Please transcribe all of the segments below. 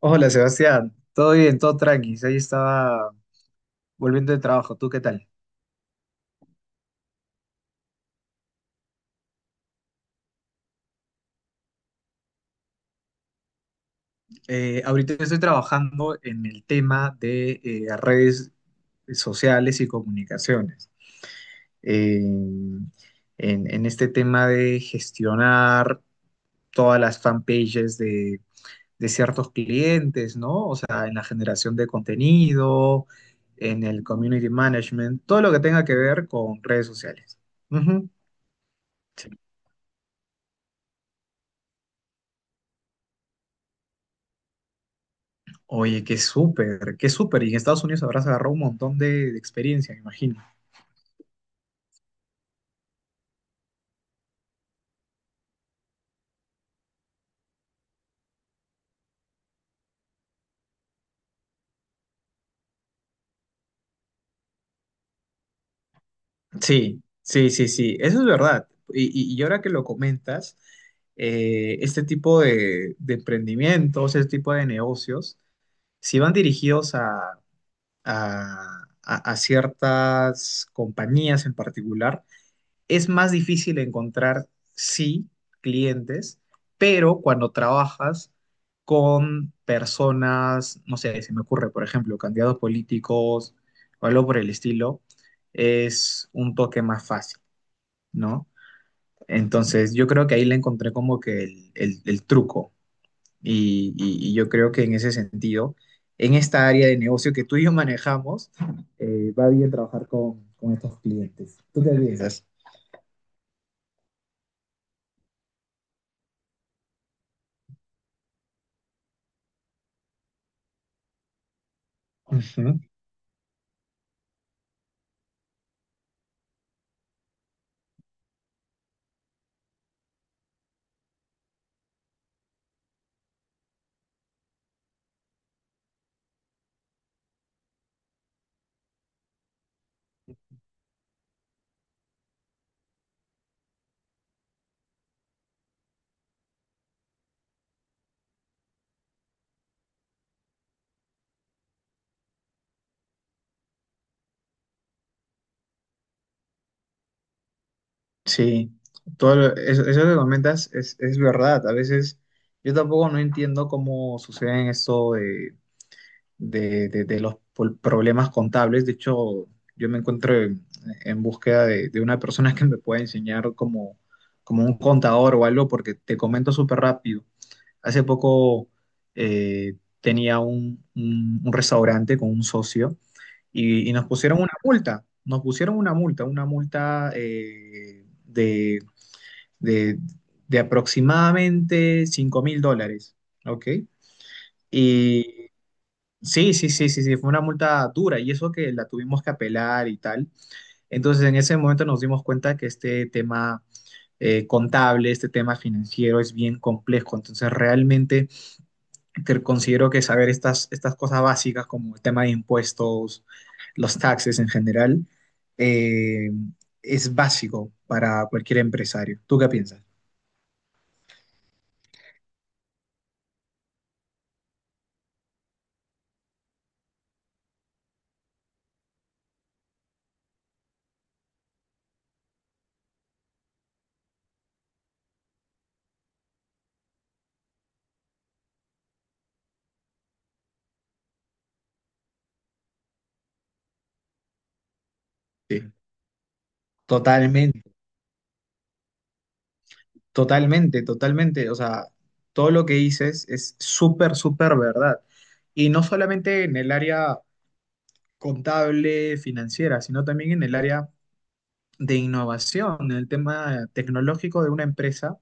Hola Sebastián, todo bien, todo tranqui. Ahí estaba volviendo de trabajo. ¿Tú qué tal? Ahorita estoy trabajando en el tema de redes sociales y comunicaciones. Eh, en este tema de gestionar todas las fanpages de ciertos clientes, ¿no? O sea, en la generación de contenido, en el community management, todo lo que tenga que ver con redes sociales. Ujú. Oye, qué súper, qué súper. Y en Estados Unidos habrás agarrado un montón de experiencia, me imagino. Sí, sí, sí, sí, eso es verdad. Y ahora que lo comentas, este tipo de emprendimientos, este tipo de negocios, si van dirigidos a ciertas compañías en particular, es más difícil encontrar, sí, clientes, pero cuando trabajas con personas, no sé, se me ocurre, por ejemplo, candidatos políticos o algo por el estilo, es un toque más fácil, ¿no? Entonces, yo creo que ahí le encontré como que el truco y yo creo que en ese sentido, en esta área de negocio que tú y yo manejamos, va bien trabajar con estos clientes. ¿Tú qué piensas? Ujú. Sí, eso, eso que comentas es verdad. A veces yo tampoco no entiendo cómo suceden esto de los problemas contables. De hecho, yo me encuentro en búsqueda de una persona que me pueda enseñar como un contador o algo, porque te comento súper rápido. Hace poco tenía un restaurante con un socio y nos pusieron una multa. Nos pusieron una multa de, de aproximadamente $5,000, ¿ok? Y sí, sí, sí, sí, sí, fue una multa dura y eso que la tuvimos que apelar y tal. Entonces, en ese momento nos dimos cuenta que este tema contable, este tema financiero es bien complejo. Entonces, realmente que considero que saber estas, estas cosas básicas como el tema de impuestos, los taxes en general, eh, es básico para cualquier empresario. ¿Tú qué piensas? Sí, totalmente. Totalmente, totalmente. O sea, todo lo que dices es súper, súper verdad. Y no solamente en el área contable, financiera, sino también en el área de innovación, en el tema tecnológico de una empresa.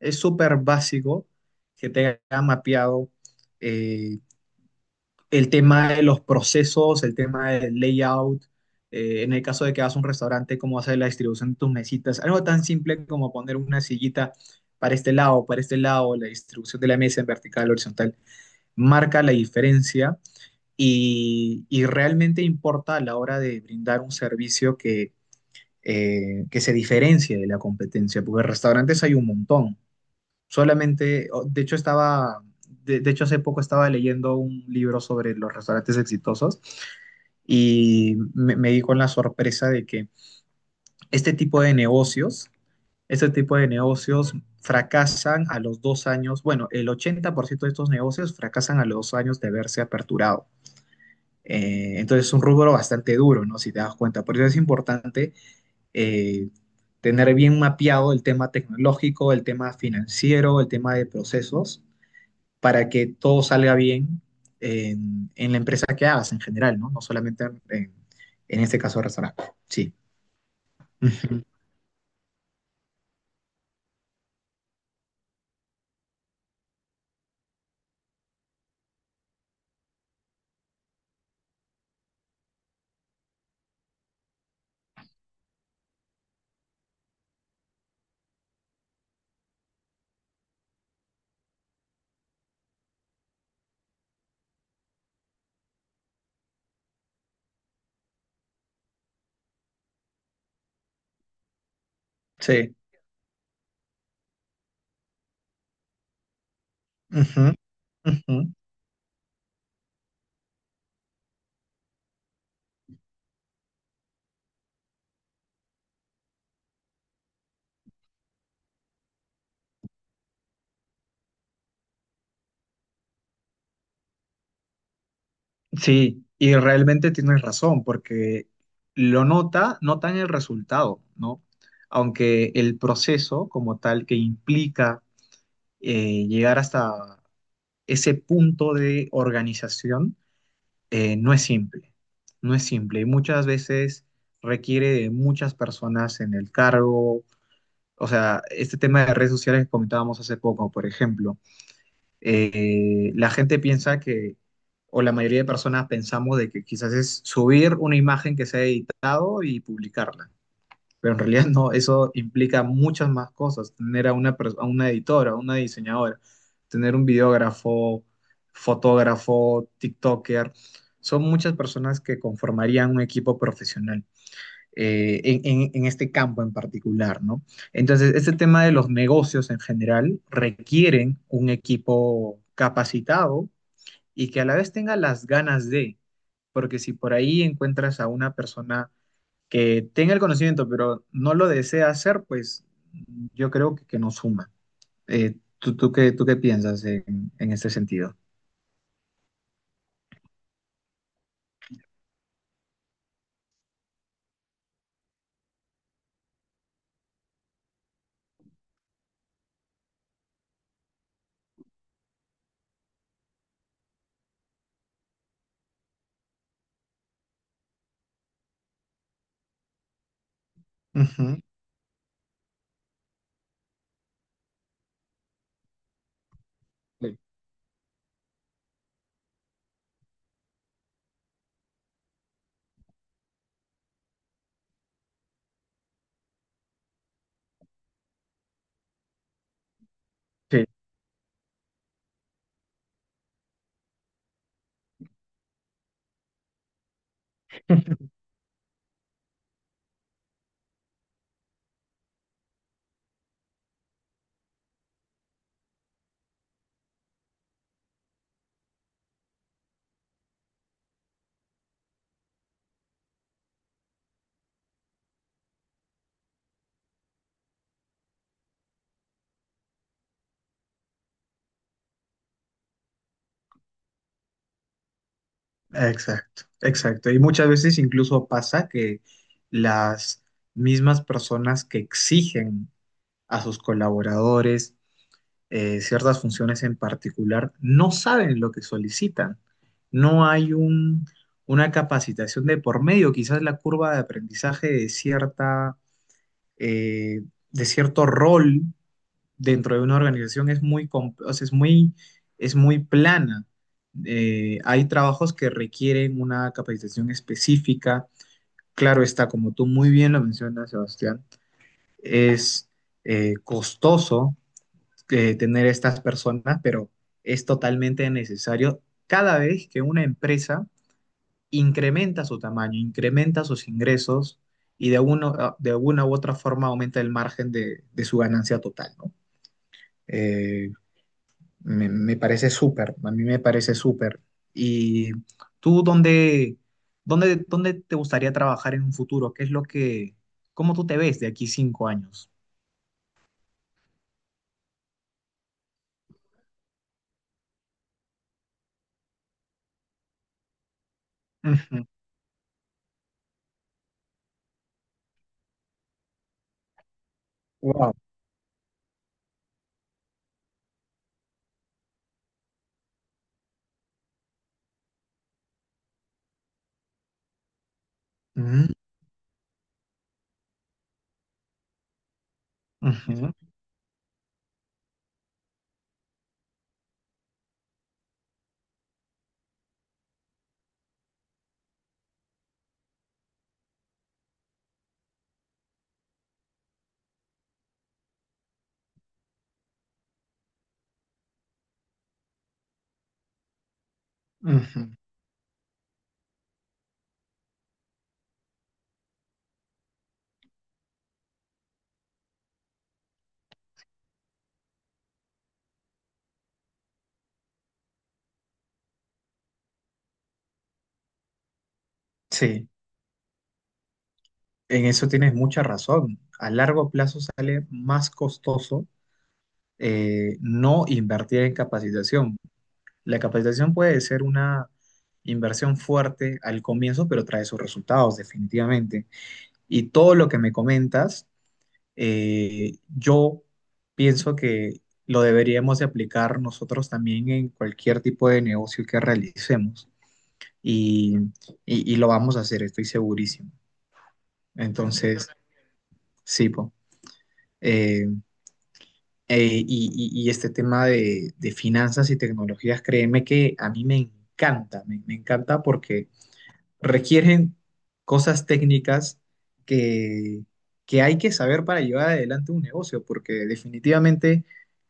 Es súper básico que te haya mapeado eh, el tema de los procesos, el tema del layout, en el caso de que hagas un restaurante, cómo hacer la distribución de tus mesitas, algo tan simple como poner una sillita para este lado, la distribución de la mesa en vertical, horizontal, marca la diferencia y realmente importa a la hora de brindar un servicio que se diferencie de la competencia, porque restaurantes hay un montón. Solamente, de hecho estaba, de hecho hace poco estaba leyendo un libro sobre los restaurantes exitosos y me di con la sorpresa de que este tipo de negocios, este tipo de negocios fracasan a los dos años, bueno, el 80% de estos negocios fracasan a los dos años de haberse aperturado. Entonces es un rubro bastante duro, ¿no? Si te das cuenta. Por eso es importante eh, tener bien mapeado el tema tecnológico, el tema financiero, el tema de procesos para que todo salga bien en la empresa que hagas en general, ¿no? No solamente en este caso restaurante. Sí. Ujú. Sí. Ujú. Ujú. Sí. Y realmente tienes razón, porque lo nota, notan el resultado, ¿no? Aunque el proceso como tal que implica llegar hasta ese punto de organización, no es simple, no es simple y muchas veces requiere de muchas personas en el cargo. O sea, este tema de redes sociales que comentábamos hace poco, por ejemplo, la gente piensa que, o la mayoría de personas pensamos de que quizás es subir una imagen que se ha editado y publicarla, pero en realidad no, eso implica muchas más cosas, tener a una, a una editora, a una diseñadora, tener un videógrafo, fotógrafo, TikToker, son muchas personas que conformarían un equipo profesional en este campo en particular, ¿no? Entonces, este tema de los negocios en general requieren un equipo capacitado y que a la vez tenga las ganas de, porque si por ahí encuentras a una persona que tenga el conocimiento, pero no lo desea hacer, pues yo creo que no suma. ¿Tú qué, tú qué piensas en este sentido? Ujú. Sí. Sí, exacto, exacto. Y muchas veces incluso pasa que las mismas personas que exigen a sus colaboradores ciertas funciones en particular no saben lo que solicitan. No hay una capacitación de por medio. Quizás la curva de aprendizaje de cierta eh, de cierto rol dentro de una organización es o sea, es muy plana. Hay trabajos que requieren una capacitación específica. Claro está, como tú muy bien lo mencionas, Sebastián, es costoso tener estas personas, pero es totalmente necesario cada vez que una empresa incrementa su tamaño, incrementa sus ingresos y uno, ah, de una u otra forma aumenta el margen de su ganancia total, ¿no? Eh, me parece súper, a mí me parece súper. ¿Y tú dónde te gustaría trabajar en un futuro? ¿Qué es lo que, cómo tú te ves de aquí 5 años? Ujú. Wow. Ujú, ujú, ujú. Sí, en eso tienes mucha razón. A largo plazo sale más costoso no invertir en capacitación. La capacitación puede ser una inversión fuerte al comienzo, pero trae sus resultados definitivamente. Y todo lo que me comentas, yo pienso que lo deberíamos de aplicar nosotros también en cualquier tipo de negocio que realicemos. Y, y lo vamos a hacer, estoy segurísimo. Entonces, sí, po. eh, y este tema de finanzas y tecnologías, créeme que a mí me encanta, me encanta porque requieren cosas técnicas que, que hay que saber para llevar adelante un negocio, porque definitivamente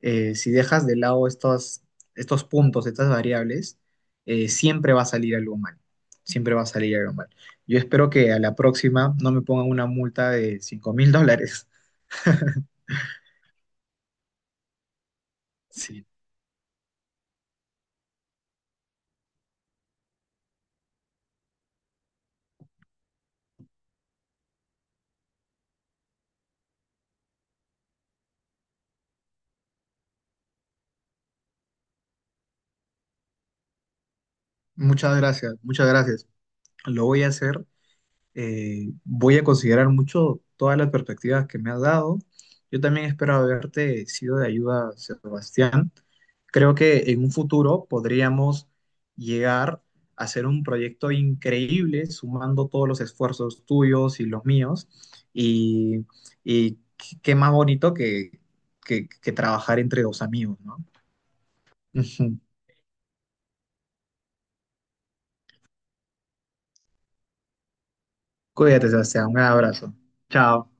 si dejas de lado estos puntos, estas variables, siempre va a salir algo mal, siempre va a salir algo mal. Yo espero que a la próxima no me pongan una multa de $5,000. Sí. Muchas gracias, muchas gracias. Lo voy a hacer. Voy a considerar mucho todas las perspectivas que me has dado. Yo también espero haberte sido de ayuda, Sebastián. Creo que en un futuro podríamos llegar a hacer un proyecto increíble, sumando todos los esfuerzos tuyos y los míos. Y, y qué más bonito que trabajar entre dos amigos, ¿no? Ujú. Cuídate, Sebastián. Un abrazo. Chao.